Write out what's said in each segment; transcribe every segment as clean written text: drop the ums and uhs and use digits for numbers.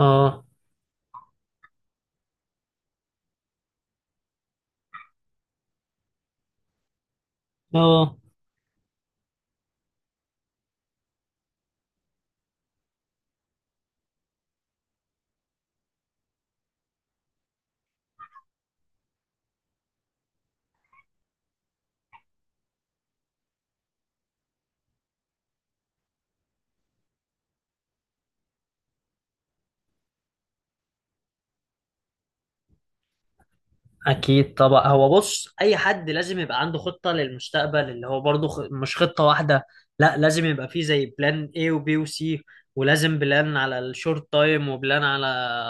اه، اه، اكيد طبعا. هو بص، اي حد لازم يبقى عنده خطة للمستقبل اللي هو برضو مش خطة واحدة. لا، لازم يبقى فيه زي بلان A وبي وسي، ولازم بلان على الشورت تايم، وبلان على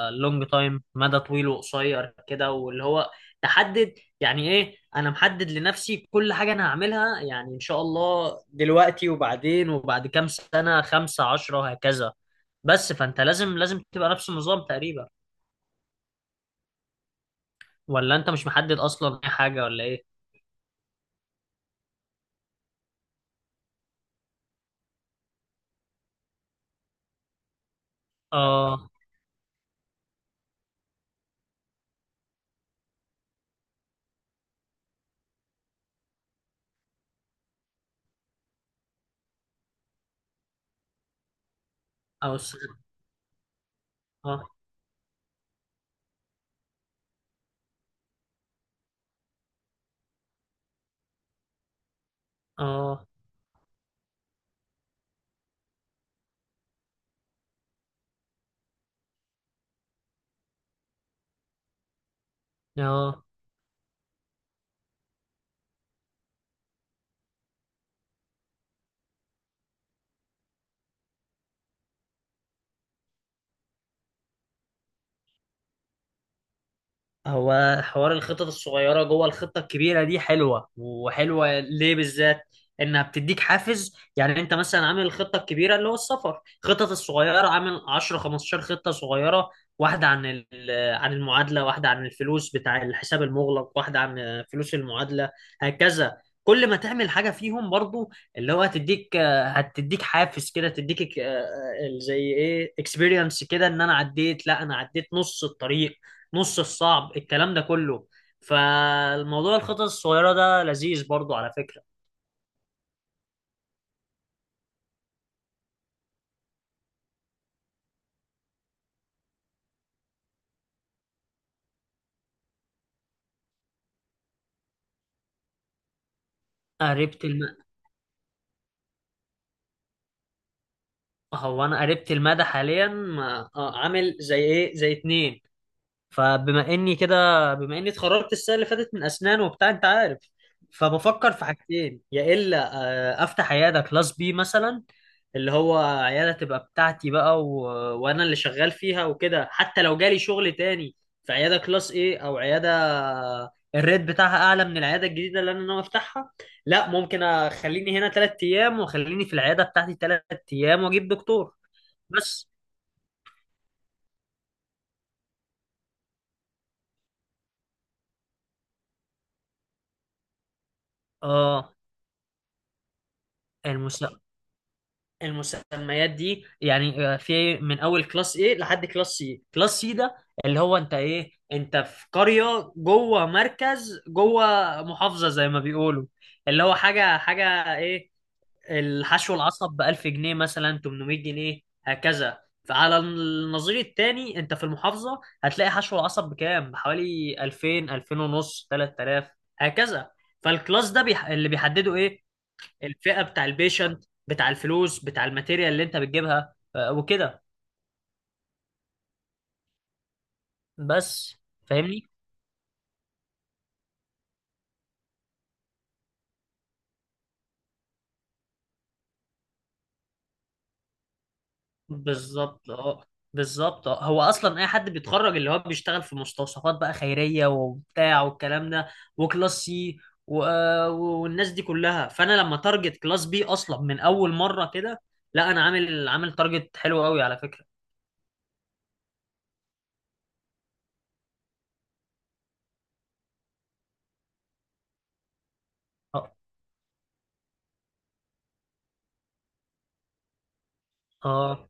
اللونج تايم، مدى طويل وقصير كده، واللي هو تحدد. يعني ايه؟ انا محدد لنفسي كل حاجة انا هعملها، يعني ان شاء الله دلوقتي وبعدين وبعد كام سنة، 15، هكذا. بس فانت لازم تبقى نفس النظام تقريبا، ولا انت مش محدد اصلا اي حاجه ولا ايه؟ اه. او السنه. اه. اه. اه. هو حوار الخطط الصغيرة جوه الخطة الكبيرة دي حلوة، وحلوة ليه بالذات؟ انها بتديك حافز. يعني انت مثلا عامل الخطة الكبيرة اللي هو السفر، خطط الصغيرة عامل 10 15 خطة صغيرة، واحدة عن ال- آه، عن المعادلة، واحدة عن الفلوس بتاع الحساب المغلق، واحدة عن فلوس المعادلة، هكذا. كل ما تعمل حاجة فيهم برضو اللي هو هتديك حافز كده، تديك زي ايه اكسبيرينس كده، ان انا عديت، لا انا عديت نص الطريق، نص الصعب، الكلام ده كله. فالموضوع الخطط الصغيرة ده لذيذ برضو على فكرة. قربت الم... هو انا قربت المدى حاليا. عامل زي ايه، زي اتنين. فبما اني كده بما اني اتخرجت السنه اللي فاتت من اسنان وبتاع، انت عارف. فبفكر في حاجتين، يا الا افتح عياده كلاس بي مثلا، اللي هو عياده تبقى بتاعتي بقى، وانا اللي شغال فيها وكده، حتى لو جالي شغل تاني في عياده كلاس ايه، او عياده الريت بتاعها اعلى من العياده الجديده اللي انا ناوي افتحها، لا ممكن اخليني هنا 3 ايام، واخليني في العياده بتاعتي 3 ايام واجيب دكتور، بس. اه. المس... المسميات دي يعني في من اول كلاس ايه لحد كلاس سي. كلاس سي ده اللي هو، انت ايه، انت في قرية جوه مركز جوه محافظة زي ما بيقولوا، اللي هو حاجة حاجة ايه، الحشو العصب ب 1000 جنيه مثلا، 800 جنيه، هكذا. فعلى النظير التاني، انت في المحافظة هتلاقي حشو العصب بكام؟ بحوالي 2000، 2000 ونص، 3000، هكذا. فالكلاس ده اللي بيحدده ايه؟ الفئة بتاع البيشنت، بتاع الفلوس، بتاع الماتيريال اللي انت بتجيبها وكده. بس، فاهمني. بالظبط، اه. بالظبط، اه. هو اصلا اي حد بيتخرج اللي هو بيشتغل في مستوصفات بقى خيرية وبتاع والكلام ده، وكلاس سي والناس دي كلها، فانا لما تارجت كلاس بي اصلا من اول مرة كده، لا انا عامل تارجت حلو قوي على فكرة. اه. اه.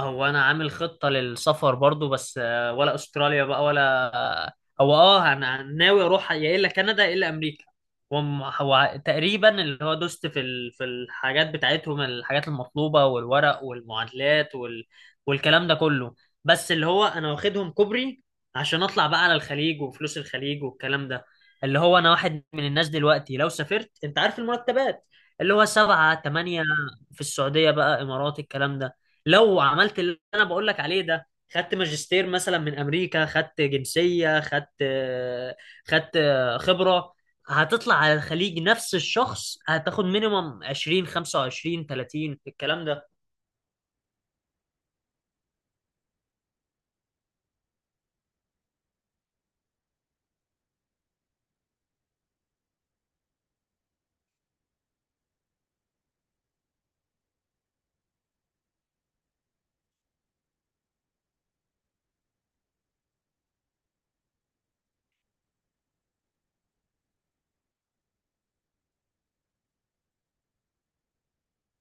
هو انا عامل خطة للسفر برضو بس ولا استراليا بقى، ولا... هو انا ناوي اروح، يا الا كندا يا الا امريكا. هو تقريبا اللي هو دوست في الحاجات بتاعتهم، الحاجات المطلوبة، والورق، والمعادلات، والكلام ده كله. بس اللي هو انا واخدهم كوبري، عشان اطلع بقى على الخليج وفلوس الخليج والكلام ده. اللي هو انا واحد من الناس دلوقتي، لو سافرت انت عارف المرتبات، اللي هو 7 8، في السعودية بقى، امارات، الكلام ده. لو عملت اللي انا بقول لك عليه ده، خدت ماجستير مثلا من امريكا، خدت جنسيه، خدت خبره، هتطلع على الخليج نفس الشخص هتاخد مينيمم 20، 25، 30، الكلام ده.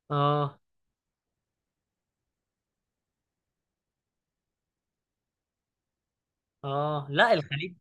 اه. اه. لا الخليج.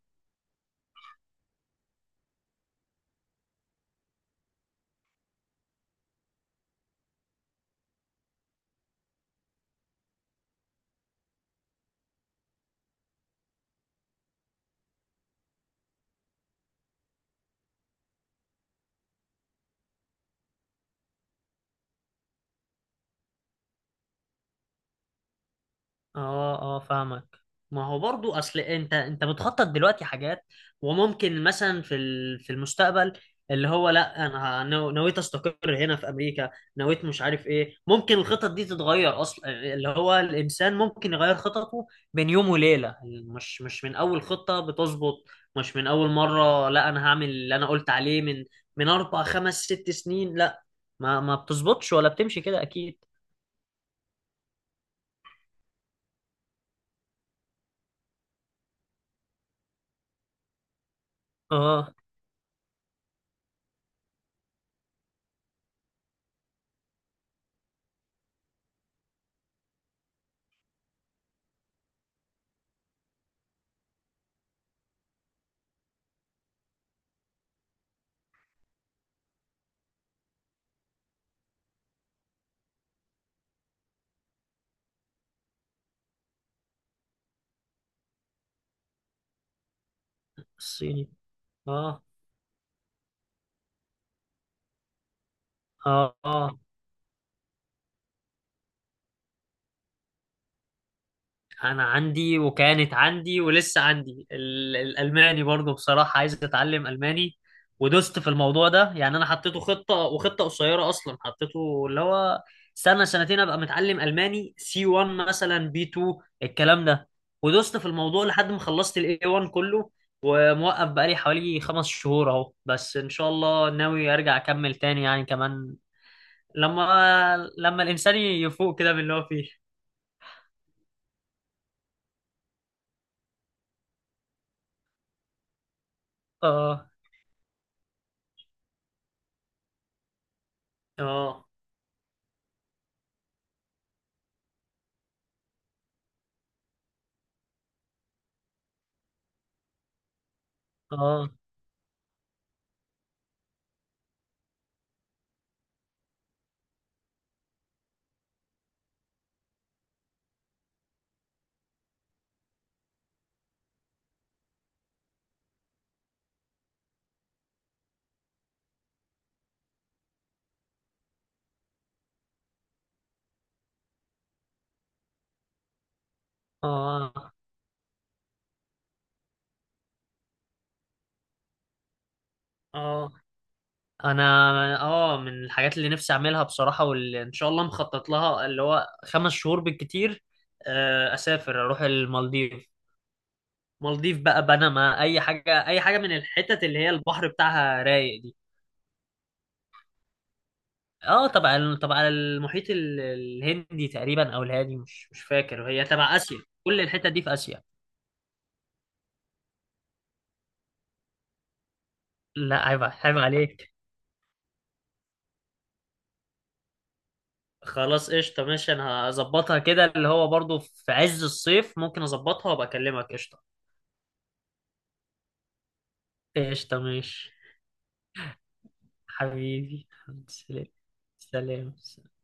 اه. اه. فاهمك. ما هو برضو اصل انت بتخطط دلوقتي حاجات، وممكن مثلا في المستقبل، اللي هو، لا انا نويت استقر هنا في امريكا، نويت مش عارف ايه، ممكن الخطط دي تتغير اصلا، اللي هو الانسان ممكن يغير خططه بين يوم وليله، مش من اول خطه بتظبط، مش من اول مره لا، انا هعمل اللي انا قلت عليه من 4 5 6 سنين، لا ما بتظبطش ولا بتمشي كده اكيد. اه. الصيني. اه. اه. اه. انا عندي وكانت عندي ولسه عندي الالماني برضو، بصراحة عايز اتعلم الماني، ودوست في الموضوع ده، يعني انا حطيته خطة، وخطة قصيرة اصلا حطيته اللي هو سنة سنتين ابقى متعلم الماني سي 1 مثلا، بي 2، الكلام ده، ودوست في الموضوع لحد ما خلصت الاي 1 كله، وموقف بقالي حوالي 5 شهور اهو، بس ان شاء الله ناوي ارجع اكمل تاني يعني كمان، لما الانسان يفوق كده من اللي هو فيه. اه. اه. اه. اه. اه. انا، اه، من الحاجات اللي نفسي اعملها بصراحه، واللي ان شاء الله مخطط لها اللي هو 5 شهور بالكتير، اسافر اروح المالديف، مالديف بقى، بنما، اي حاجه اي حاجه من الحتت اللي هي البحر بتاعها رايق دي. اه طبعا طبعا، المحيط الهندي تقريبا، او الهادي، مش فاكر، هي تبع اسيا. كل الحتت دي في اسيا. لا، عيب عيب عليك. خلاص، قشطه، ماشي، انا هظبطها كده، اللي هو برضو في عز الصيف ممكن اظبطها وابقى اكلمك، قشطه. قشطة، ماشي، حبيبي. سلام. سلام.